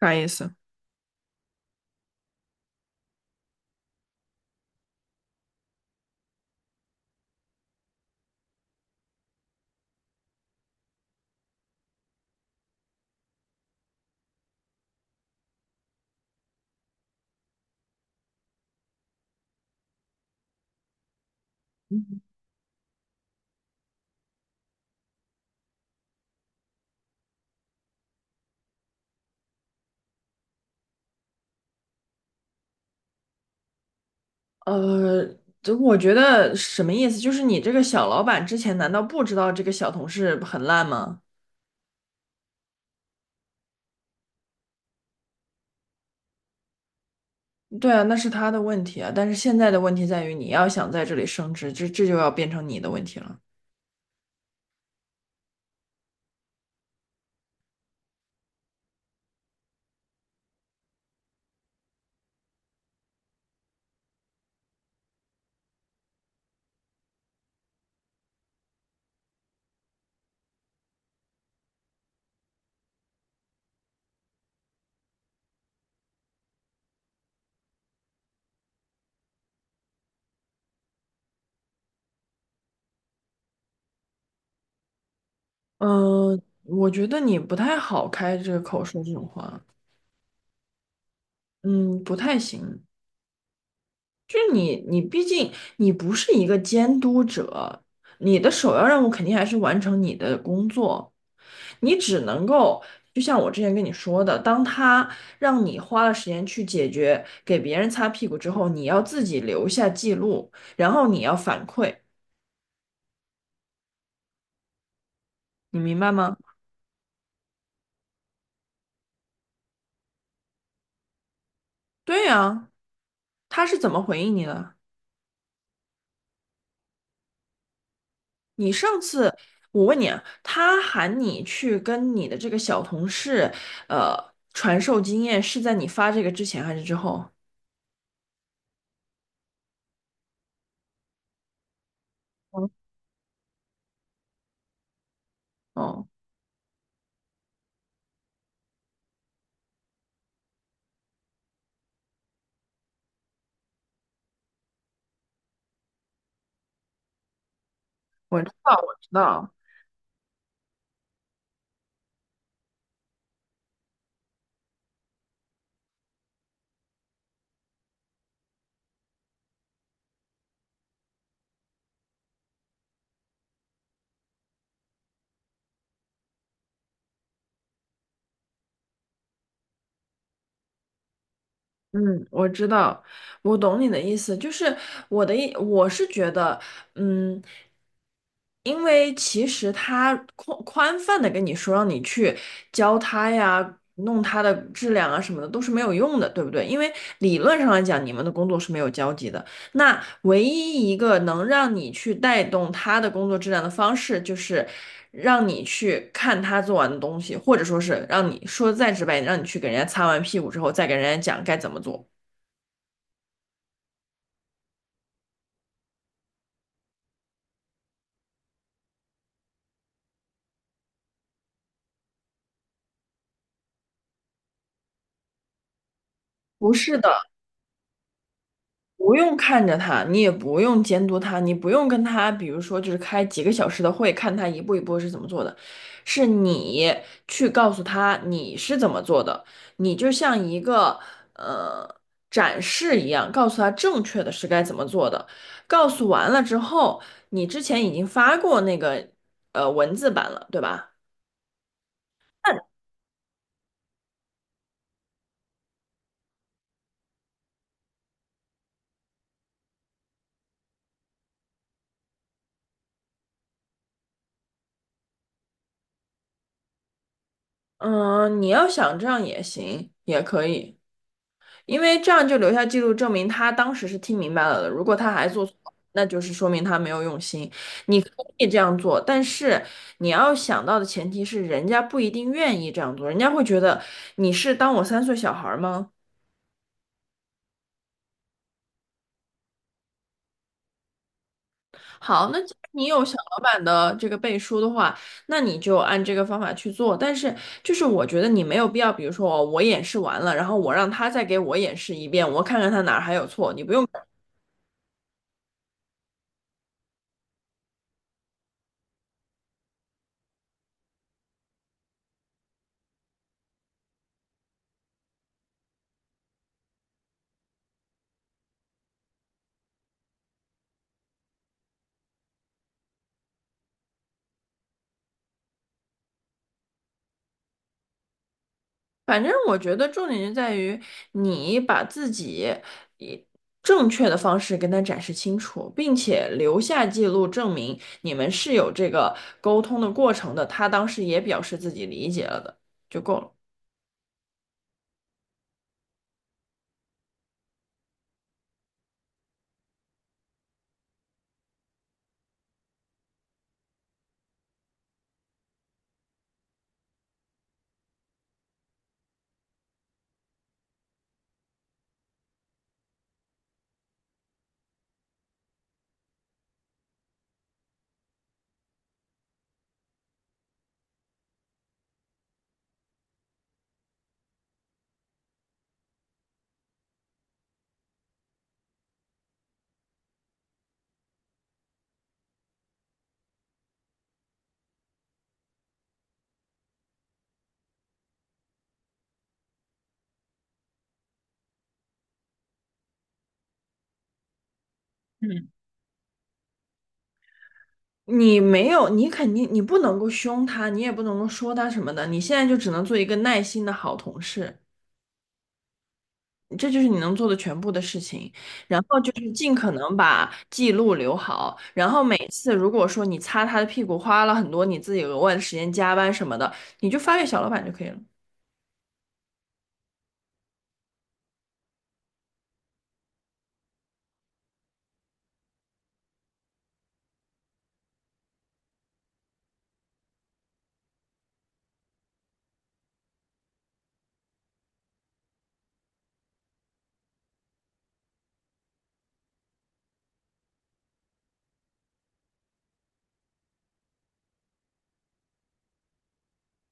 啥意思？呃，就我觉得什么意思？就是你这个小老板之前难道不知道这个小同事很烂吗？对啊，那是他的问题啊。但是现在的问题在于，你要想在这里升职，这就要变成你的问题了。嗯、我觉得你不太好开这个口说这种话，嗯，不太行。就你，你毕竟你不是一个监督者，你的首要任务肯定还是完成你的工作。你只能够，就像我之前跟你说的，当他让你花了时间去解决给别人擦屁股之后，你要自己留下记录，然后你要反馈，你明白吗？对呀，他是怎么回应你的？你上次我问你啊，他喊你去跟你的这个小同事，呃，传授经验，是在你发这个之前还是之后？嗯。哦，我知道，我知道。嗯，我知道，我懂你的意思，就是我的意，我是觉得，嗯，因为其实他宽宽泛的跟你说让你去教他呀，弄他的质量啊什么的都是没有用的，对不对？因为理论上来讲，你们的工作是没有交集的。那唯一一个能让你去带动他的工作质量的方式，就是让你去看他做完的东西，或者说是让你说的再直白一点，让你去给人家擦完屁股之后，再给人家讲该怎么做。不是的，不用看着他，你也不用监督他，你不用跟他，比如说就是开几个小时的会，看他一步一步是怎么做的，是你去告诉他你是怎么做的，你就像一个呃展示一样，告诉他正确的是该怎么做的。告诉完了之后，你之前已经发过那个文字版了，对吧？嗯、你要想这样也行，也可以。因为这样就留下记录，证明他当时是听明白了的。如果他还做错，那就是说明他没有用心。你可以这样做，但是你要想到的前提是，人家不一定愿意这样做，人家会觉得你是当我三岁小孩儿吗？好，那既然你有小老板的这个背书的话，那你就按这个方法去做。但是就是我觉得你没有必要，比如说我演示完了，然后我让他再给我演示一遍，我看看他哪儿还有错，你不用。反正我觉得重点就在于你把自己以正确的方式跟他展示清楚，并且留下记录证明你们是有这个沟通的过程的。他当时也表示自己理解了的，就够了。你没有，你肯定你不能够凶他，你也不能够说他什么的，你现在就只能做一个耐心的好同事。这就是你能做的全部的事情，然后就是尽可能把记录留好，然后每次如果说你擦他的屁股花了很多你自己额外的时间加班什么的，你就发给小老板就可以了。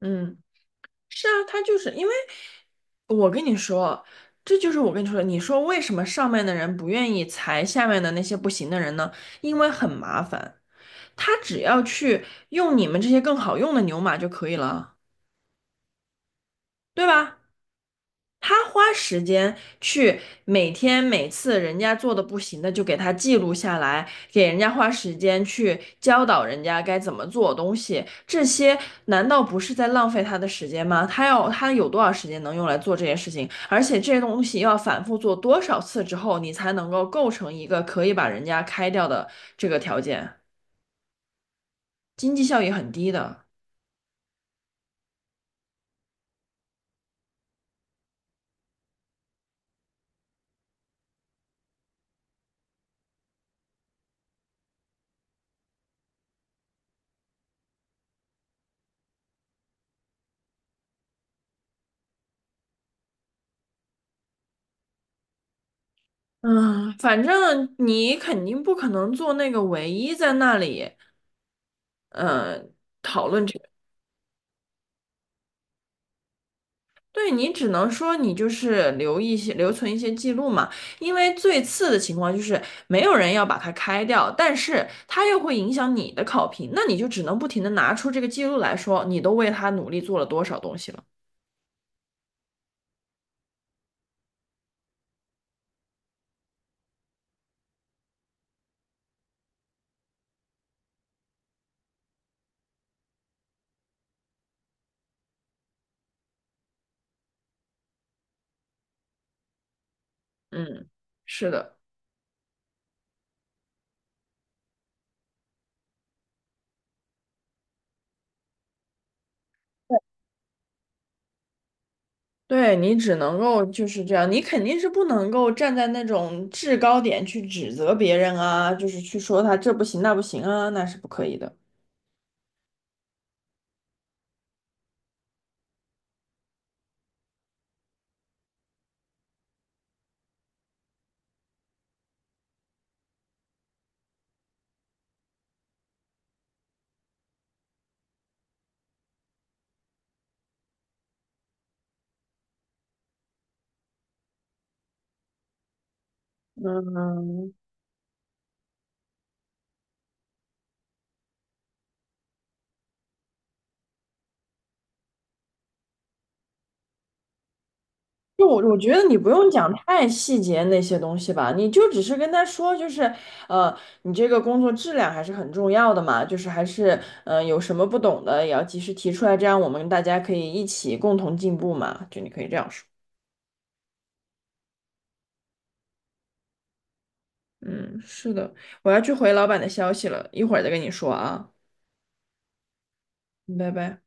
嗯，是啊，他就是因为我跟你说，这就是我跟你说的，你说为什么上面的人不愿意裁下面的那些不行的人呢？因为很麻烦，他只要去用你们这些更好用的牛马就可以了，对吧？他花时间去每天每次人家做的不行的就给他记录下来，给人家花时间去教导人家该怎么做东西，这些难道不是在浪费他的时间吗？他有多少时间能用来做这些事情？而且这些东西要反复做多少次之后，你才能够构成一个可以把人家开掉的这个条件，经济效益很低的。嗯，反正你肯定不可能做那个唯一在那里。嗯，对你只能说你就是留存一些记录嘛，因为最次的情况就是没有人要把它开掉，但是它又会影响你的考评，那你就只能不停的拿出这个记录来说，你都为他努力做了多少东西了。嗯，是的，对你只能够就是这样，你肯定是不能够站在那种制高点去指责别人啊，就是去说他这不行那不行啊，那是不可以的。嗯，就我觉得你不用讲太细节那些东西吧，你就只是跟他说，就是呃，你这个工作质量还是很重要的嘛，就是还是嗯、有什么不懂的也要及时提出来，这样我们大家可以一起共同进步嘛，就你可以这样说。嗯，是的，我要去回老板的消息了，一会儿再跟你说啊，拜拜。